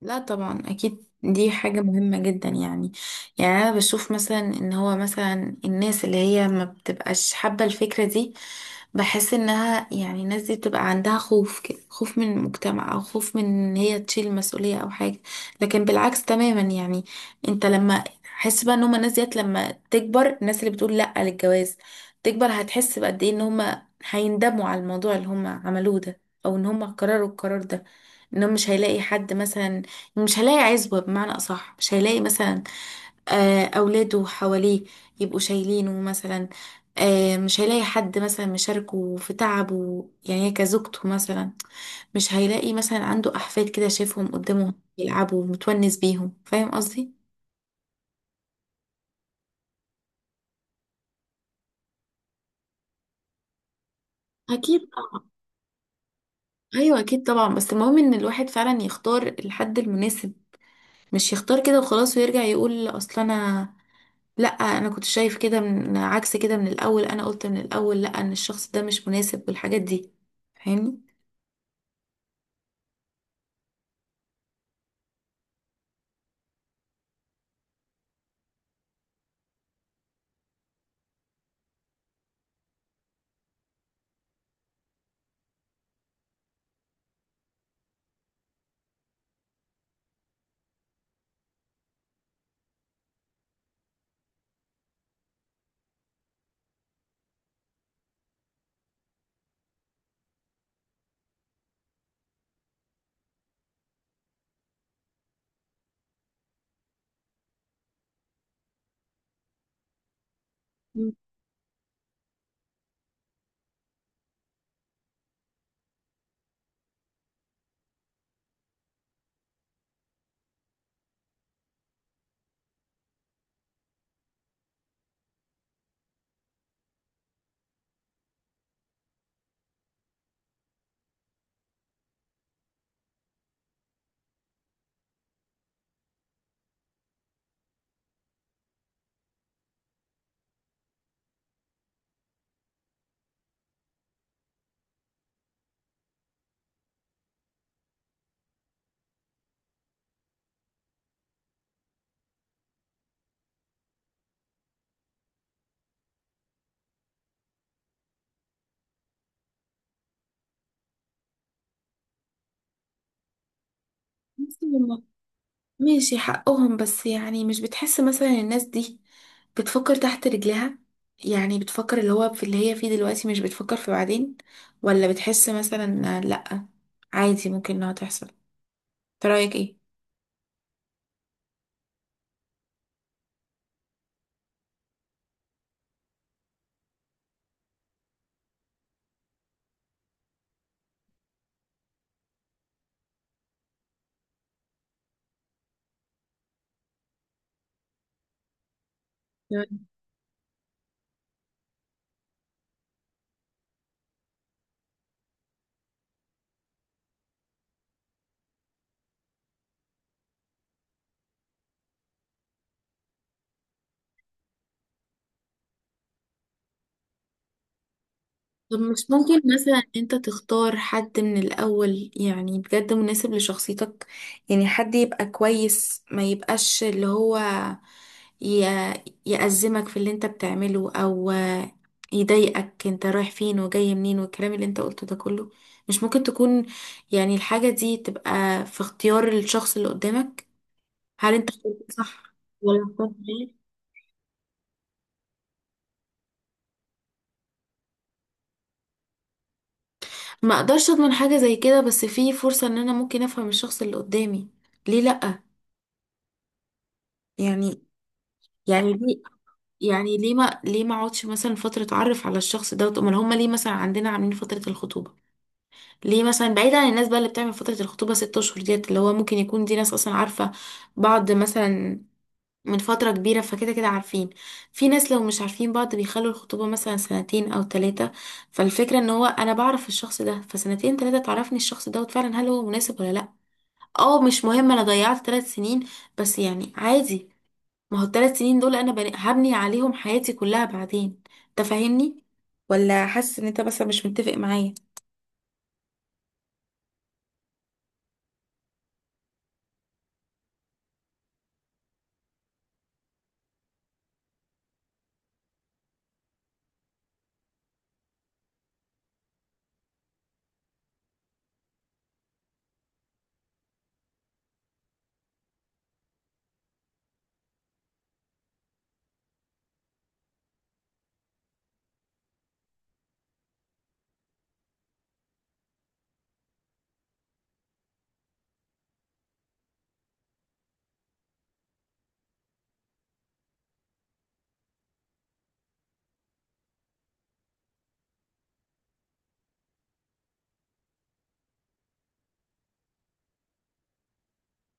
لا طبعا اكيد دي حاجة مهمة جدا يعني. انا بشوف مثلا ان هو مثلا الناس اللي هي ما بتبقاش حابة الفكرة دي. بحس انها يعني الناس دي بتبقى عندها خوف كده، خوف من المجتمع او خوف من ان هي تشيل مسؤولية او حاجة. لكن بالعكس تماما يعني، انت لما حس بقى ان هما الناس ديت لما تكبر، الناس اللي بتقول لا للجواز تكبر، هتحس بقد ايه ان هما هيندموا على الموضوع اللي هما عملوه ده، او ان هما قرروا القرار ده. انهم مش هيلاقي حد مثلا، مش هيلاقي عزوة، بمعنى أصح مش هيلاقي مثلا أولاده حواليه يبقوا شايلينه مثلا. مش هيلاقي حد مثلا مشاركه في تعبه يعني، كزوجته مثلا. مش هيلاقي مثلا عنده أحفاد كده شايفهم قدامه يلعبوا متونس بيهم. فاهم قصدي؟ أكيد طبعا. أيوة أكيد طبعا، بس المهم إن الواحد فعلا يختار الحد المناسب. مش يختار كده وخلاص ويرجع يقول أصل أنا، لا انا كنت شايف كده من عكس كده من الاول، انا قلت من الاول لا ان الشخص ده مش مناسب والحاجات دي. فاهمني؟ مم. بس لما- ماشي حقهم، بس يعني مش بتحس مثلا الناس دي بتفكر تحت رجلها؟ يعني بتفكر اللي هو في اللي هي فيه دلوقتي، مش بتفكر في بعدين. ولا بتحس مثلا لا، عادي ممكن انها تحصل. انت رايك ايه؟ طب مش ممكن مثلا إن انت تختار حد من الاول يعني بجد مناسب لشخصيتك؟ يعني حد يبقى كويس، ما يبقاش اللي هو ي- يأزمك في اللي انت بتعمله، او يضايقك انت رايح فين وجاي منين والكلام اللي انت قلته ده كله. مش ممكن تكون يعني الحاجة دي تبقى في اختيار الشخص اللي قدامك، هل انت اخترت صح ولا اخترت غلط؟ ما اقدرش اضمن حاجة زي كده، بس في فرصة ان انا ممكن افهم الشخص اللي قدامي، ليه لأ؟ يعني يعني ليه يعني ليه ما ليه ما اقعدش مثلا فتره اتعرف على الشخص ده؟ امال هم ليه مثلا عندنا عاملين فتره الخطوبه؟ ليه مثلا بعيد عن الناس بقى اللي بتعمل فتره الخطوبه ست اشهر ديت، اللي هو ممكن يكون دي ناس اصلا عارفه بعض مثلا من فتره كبيره، فكده كده عارفين. في ناس لو مش عارفين بعض بيخلوا الخطوبه مثلا سنتين او ثلاثه. فالفكره ان هو انا بعرف الشخص ده فسنتين ثلاثه، تعرفني الشخص دوت فعلا هل هو مناسب ولا لا. اه مش مهم انا ضيعت ثلاث سنين، بس يعني عادي. ما هو الثلاث سنين دول انا هبني عليهم حياتي كلها بعدين. انت فاهمني، ولا حاسس ان انت مثلا مش متفق معايا؟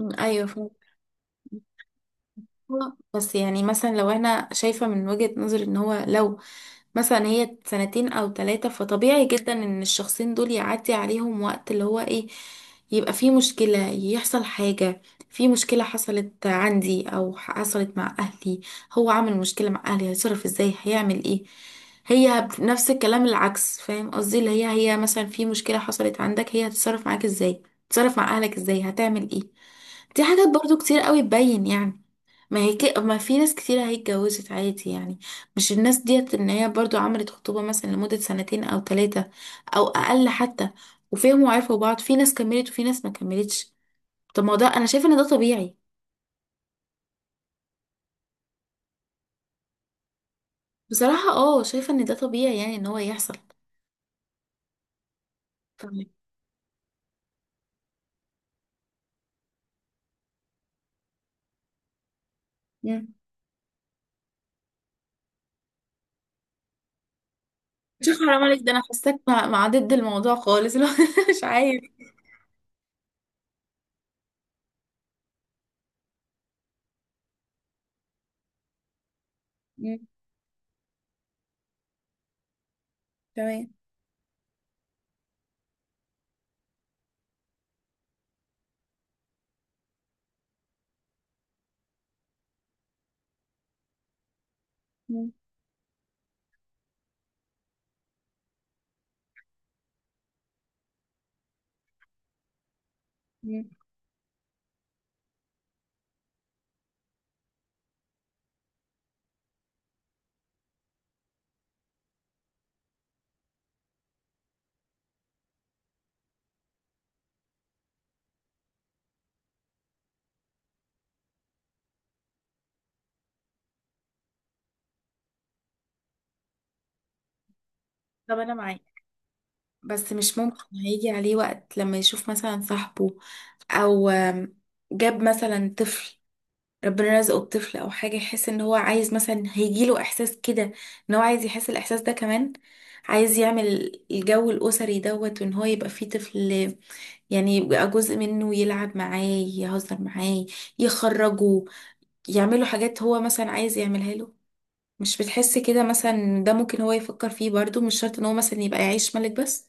ايوه فهمت. بس يعني مثلا لو انا شايفة من وجهة نظري ان هو لو مثلا هي سنتين او ثلاثة، فطبيعي جدا ان الشخصين دول يعدي عليهم وقت اللي هو ايه، يبقى في مشكلة، يحصل حاجة، في مشكلة حصلت عندي او حصلت مع اهلي، هو عامل مشكلة مع اهلي هيتصرف ازاي، هيعمل ايه. هي نفس الكلام العكس، فاهم قصدي اللي هي، هي مثلا في مشكلة حصلت عندك، هي هتتصرف معاك ازاي، تتصرف مع اهلك ازاي، هتعمل ايه. دي حاجات برضو كتير قوي تبين يعني. ما هي كده، ما في ناس كتير هي اتجوزت عادي يعني، مش الناس ديت ان هي برضو عملت خطوبة مثلا لمدة سنتين او ثلاثة او اقل حتى، وفهموا وعرفوا بعض، في ناس كملت وفي ناس ما كملتش. طب ما هو ده، انا شايفة ان ده طبيعي. بصراحة اه شايفة ان ده طبيعي يعني، ان هو يحصل. فاهمة؟ مم. شوف حرام عليك، ده انا حاساك مع ضد الموضوع خالص لو مش عارف. مم. تمام. مم. مم. طب انا معاك، بس مش ممكن هيجي عليه وقت لما يشوف مثلا صاحبه او جاب مثلا طفل، ربنا رزقه بطفل او حاجه، يحس ان هو عايز مثلا؟ هيجيله احساس كده ان هو عايز يحس الاحساس ده كمان، عايز يعمل الجو الاسري دوت وان هو يبقى فيه طفل، يعني يبقى جزء منه يلعب معاه، يهزر معاه، يخرجه، يعمله حاجات هو مثلا عايز يعملها له. مش بتحس كده مثلا؟ ده ممكن هو يفكر فيه برضو، مش شرط ان هو مثلا يبقى يعيش ملك بس.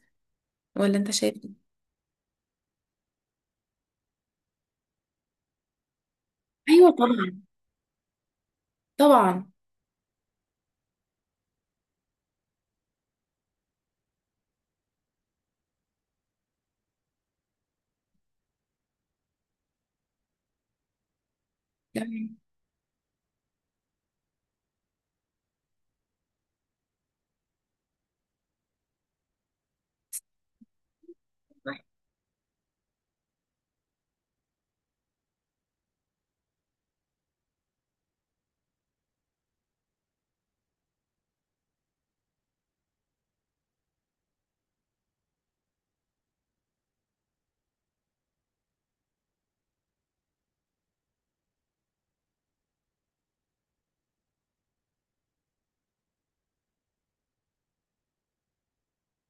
ولا انت شايف؟ ايوه طبعا. طبعا. يعني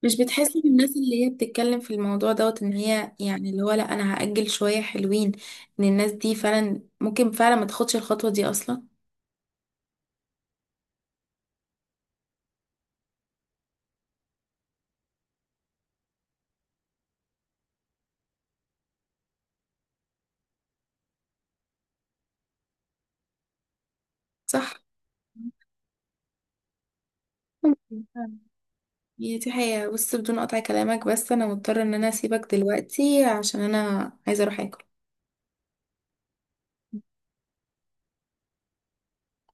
مش بتحس ان الناس اللي هي بتتكلم في الموضوع دوت، ان هي يعني اللي هو لا انا هأجل شوية حلوين، ان الناس دي فعلا ممكن فعلا ما تاخدش الخطوة دي اصلا؟ صح. ممكن فعلا. هي دي حقيقة. بص، بدون قطع كلامك بس انا مضطرة ان انا اسيبك دلوقتي عشان انا عايزة اروح اكل.